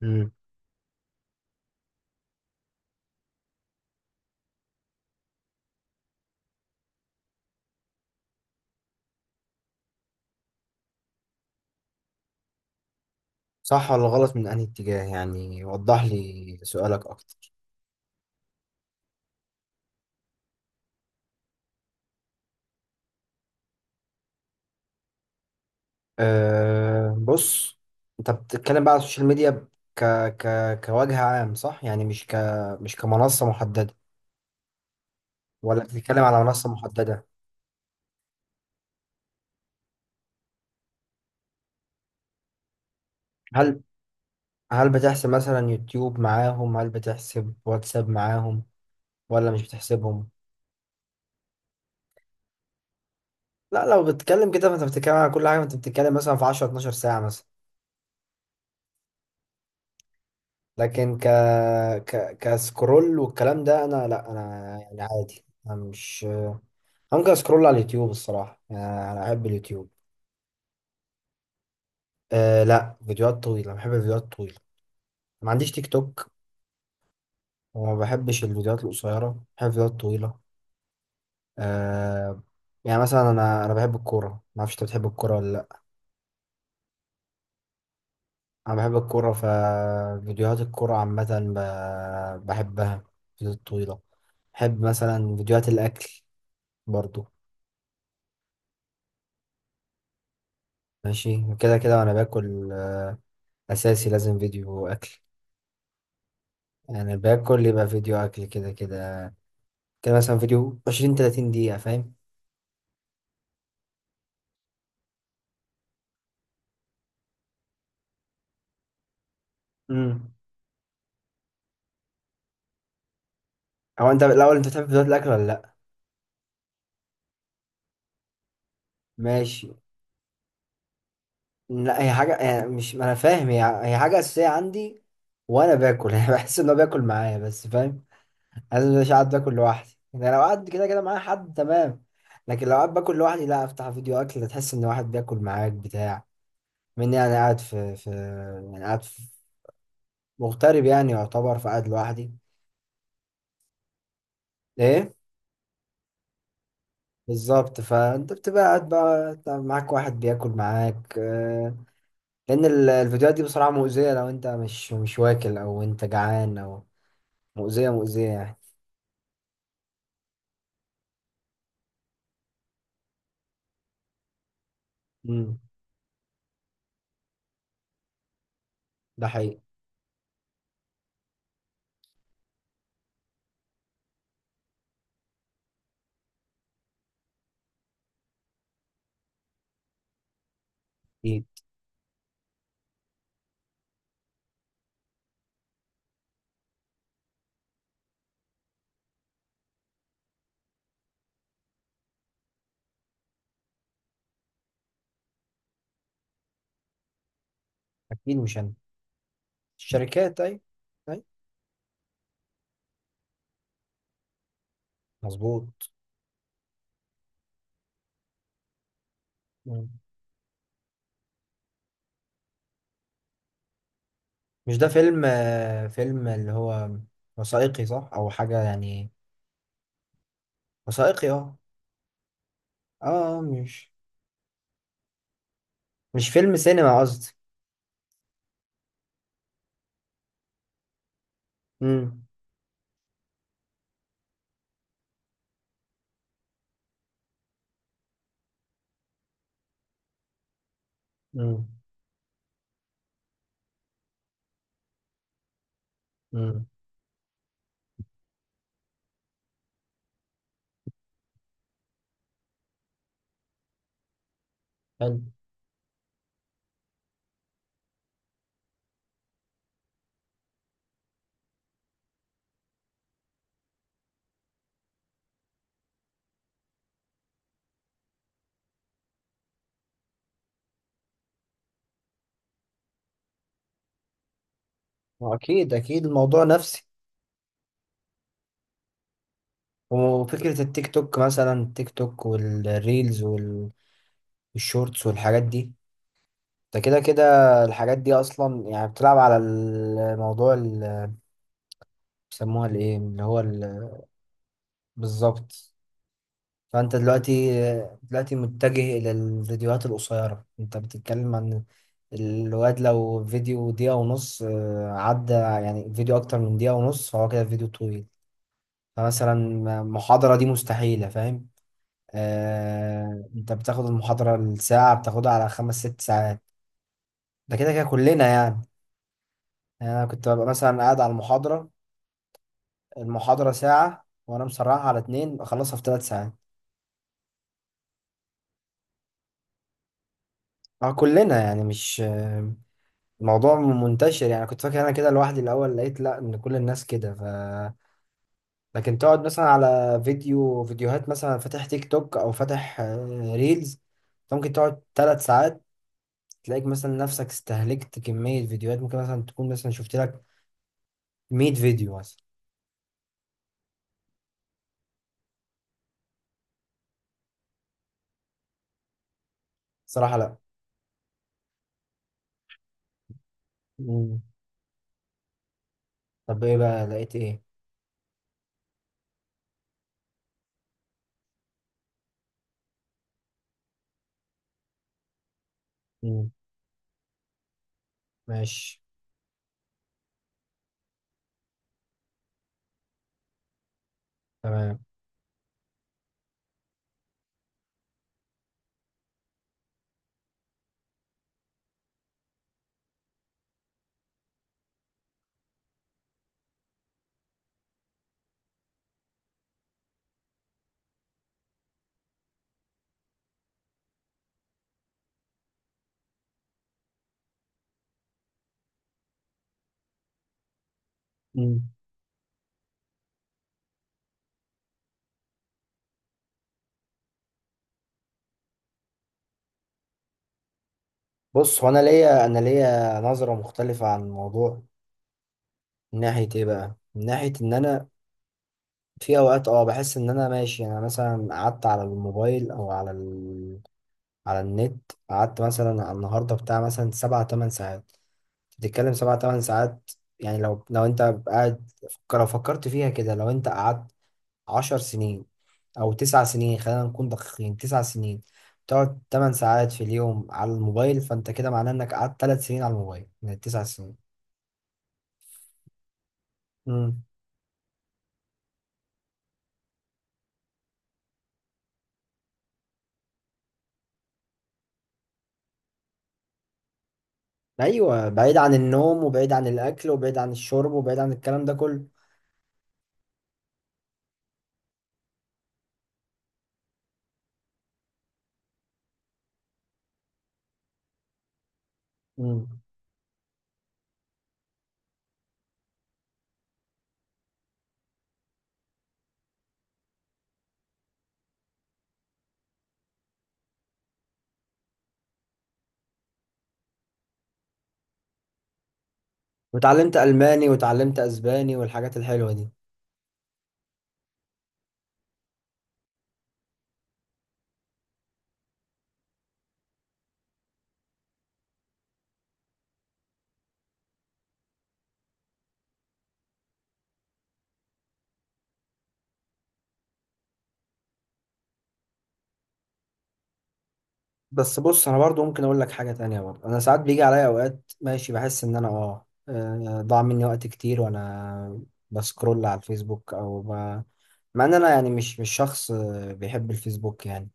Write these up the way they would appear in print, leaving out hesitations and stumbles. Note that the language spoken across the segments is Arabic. مم. صح ولا غلط من أنهي اتجاه؟ يعني وضح لي سؤالك أكتر. أه بص، أنت بتتكلم بقى على السوشيال ميديا ك... كوجه عام، صح؟ يعني مش مش كمنصة محددة، ولا بتتكلم على منصة محددة؟ هل هل بتحسب مثلا يوتيوب معاهم؟ هل بتحسب واتساب معاهم، ولا مش بتحسبهم؟ لا لو بتتكلم كده فأنت بتتكلم على كل حاجة، أنت بتتكلم مثلا في 10 12 ساعة مثلا. لكن كسكرول والكلام ده، انا يعني عادي، انا مش ممكن اسكرول على اليوتيوب الصراحه، يعني انا احب اليوتيوب. أه لا، فيديوهات طويله، بحب الفيديوهات الطويله. ما عنديش تيك توك. وما بحبش الفيديوهات القصيره، بحب الفيديوهات الطويله. أه. يعني مثلا انا بحب الكوره، ما اعرفش انت بتحب الكوره ولا لا. انا بحب الكوره، ففيديوهات الكوره عامه بحبها، فيديوهات طويله. بحب مثلا فيديوهات الاكل برضو. ماشي كده كده وانا باكل آه، اساسي لازم فيديو اكل. يعني باكل يبقى فيديو اكل كده كده. كده مثلا فيديو 20 30 دقيقة، فاهم؟ امم، هو انت الاول انت بتحب فيديوهات الاكل ولا لا؟ ماشي. لا، هي حاجة يعني، مش ما انا فاهم، هي هي حاجة اساسية عندي وانا باكل يعني بحس ان هو بياكل معايا بس، فاهم؟ لازم مش قاعد باكل لوحدي. يعني لو قاعد كده كده معايا حد تمام، لكن لو قاعد باكل لوحدي لا افتح فيديو اكل تحس ان واحد بياكل معاك بتاع. مني انا قاعد في، يعني قاعد مغترب يعني يعتبر، فقاعد لوحدي. ايه بالظبط، فانت بتبقى قاعد بقى أنت معاك واحد بياكل معاك آه، لان الفيديوهات دي بصراحة مؤذية، لو انت مش واكل او انت جعان، او مؤذية مؤذية يعني. امم. ده حقيقي. اكيد اكيد مش انا. الشركات، اي اي مظبوط. مم. مش ده فيلم آه، فيلم اللي هو وثائقي صح، او حاجة يعني وثائقي؟ اه. اه آه، مش مش فيلم سينما قصدي. امم. امم. امم. أكيد أكيد، الموضوع نفسي. وفكرة التيك توك، مثلا التيك توك والريلز والشورتس والحاجات دي، ده كده كده الحاجات دي أصلا يعني بتلعب على الموضوع اللي بيسموها الإيه اللي هو بالظبط. فأنت دلوقتي، دلوقتي متجه إلى الفيديوهات القصيرة. أنت بتتكلم عن الواد لو فيديو دقيقة ونص آه، عدى، يعني فيديو أكتر من دقيقة ونص فهو كده فيديو طويل. فمثلا محاضرة دي مستحيلة، فاهم؟ آه، انت بتاخد المحاضرة الساعة بتاخدها على 5 6 ساعات. ده كده كده كلنا يعني. يعني انا كنت ببقى مثلا قاعد على المحاضرة، المحاضرة ساعة وانا مسرعها على اتنين اخلصها في 3 ساعات. اه كلنا يعني، مش آه، الموضوع منتشر يعني. كنت فاكر انا كده لوحدي الاول، لقيت لا، ان كل الناس كده. ف لكن تقعد مثلا على فيديو، فيديوهات مثلا فاتح تيك توك او فاتح آه، ريلز، ممكن تقعد 3 ساعات. تلاقيك مثلا نفسك استهلكت كمية فيديوهات، ممكن مثلا تكون مثلا شفت لك 100 فيديو مثلا. صراحة لا. مم. طب ايه بقى لقيت ايه؟ مم. ماشي تمام. مم. بص، هو انا ليا نظرة مختلفة عن الموضوع. من ناحية ايه بقى؟ من ناحية ان انا في اوقات اه بحس ان انا ماشي، يعني انا مثلا قعدت على الموبايل او على على النت، قعدت مثلا على النهاردة بتاع مثلا 7 8 ساعات. بتتكلم 7 8 ساعات. يعني لو انت قاعد، لو فكرت فيها كده، لو انت قعدت 10 سنين، او 9 سنين، خلينا نكون دقيقين، 9 سنين. تقعد 8 ساعات في اليوم على الموبايل، فانت كده معناه انك قعدت 3 سنين على الموبايل من التسع سنين. امم. ايوه بعيد عن النوم وبعيد عن الاكل وبعيد عن الشرب وبعيد عن الكلام ده كله. امم. وتعلمت الماني وتعلمت اسباني والحاجات الحلوه دي. بس بص، انا برضو ممكن اقول لك حاجه تانية برضو. انا ساعات بيجي عليا اوقات ماشي بحس ان انا اه آه، ضاع مني وقت كتير وانا بسكرول على الفيسبوك او مع ان انا يعني مش شخص آه، بيحب الفيسبوك يعني.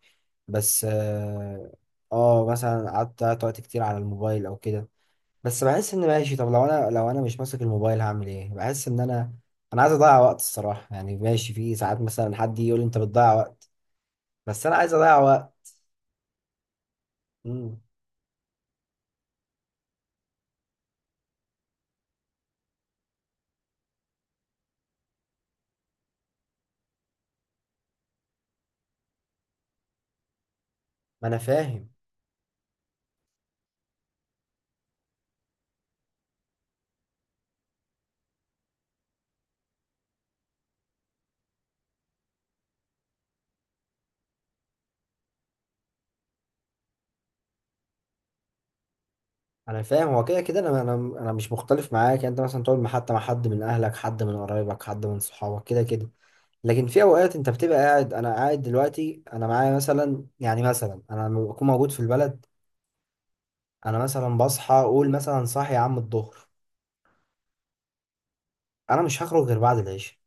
بس اه آه، مثلا قعدت وقت كتير على الموبايل او كده. بس بحس ان ماشي، طب لو انا، لو انا مش ماسك الموبايل هعمل ايه؟ بحس ان انا عايز اضيع وقت الصراحه يعني. ماشي في ساعات مثلا حد يجي يقول لي انت بتضيع وقت، بس انا عايز اضيع وقت. مم. ما انا فاهم. انا فاهم، هو كده كده انا انا مش مختلف معاك. يعني انت مثلا تقعد مع- حتى مع حد من اهلك، حد من قرايبك، حد من صحابك، كده كده. لكن في اوقات انت بتبقى قاعد، انا قاعد دلوقتي انا معايا مثلا، يعني مثلا انا لما بكون موجود في البلد، انا مثلا بصحى اقول مثلا صاحي يا عم الظهر، انا مش هخرج غير بعد العشاء،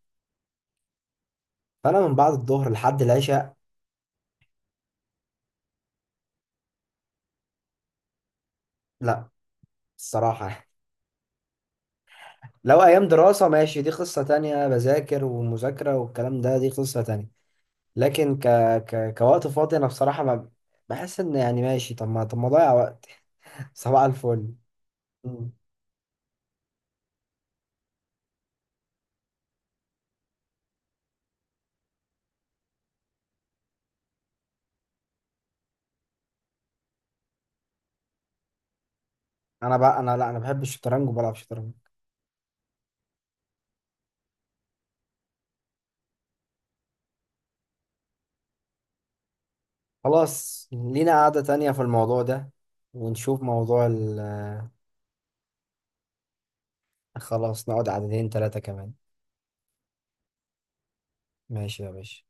فانا من بعد الظهر لحد العشاء. لا، الصراحة لو ايام دراسة ماشي، دي قصة تانية، بذاكر ومذاكرة والكلام ده، دي قصة تانية. لكن كوقت فاضي انا بصراحة ما بحس ان يعني، ماشي طب ما، طب ما اضيع وقت. صباح الفل. مم. انا بقى انا لا انا بحب الشطرنج وبلعب شطرنج. خلاص لينا قعدة تانية في الموضوع ده، ونشوف موضوع خلاص نقعد قعدتين تلاتة كمان. ماشي يا باشا.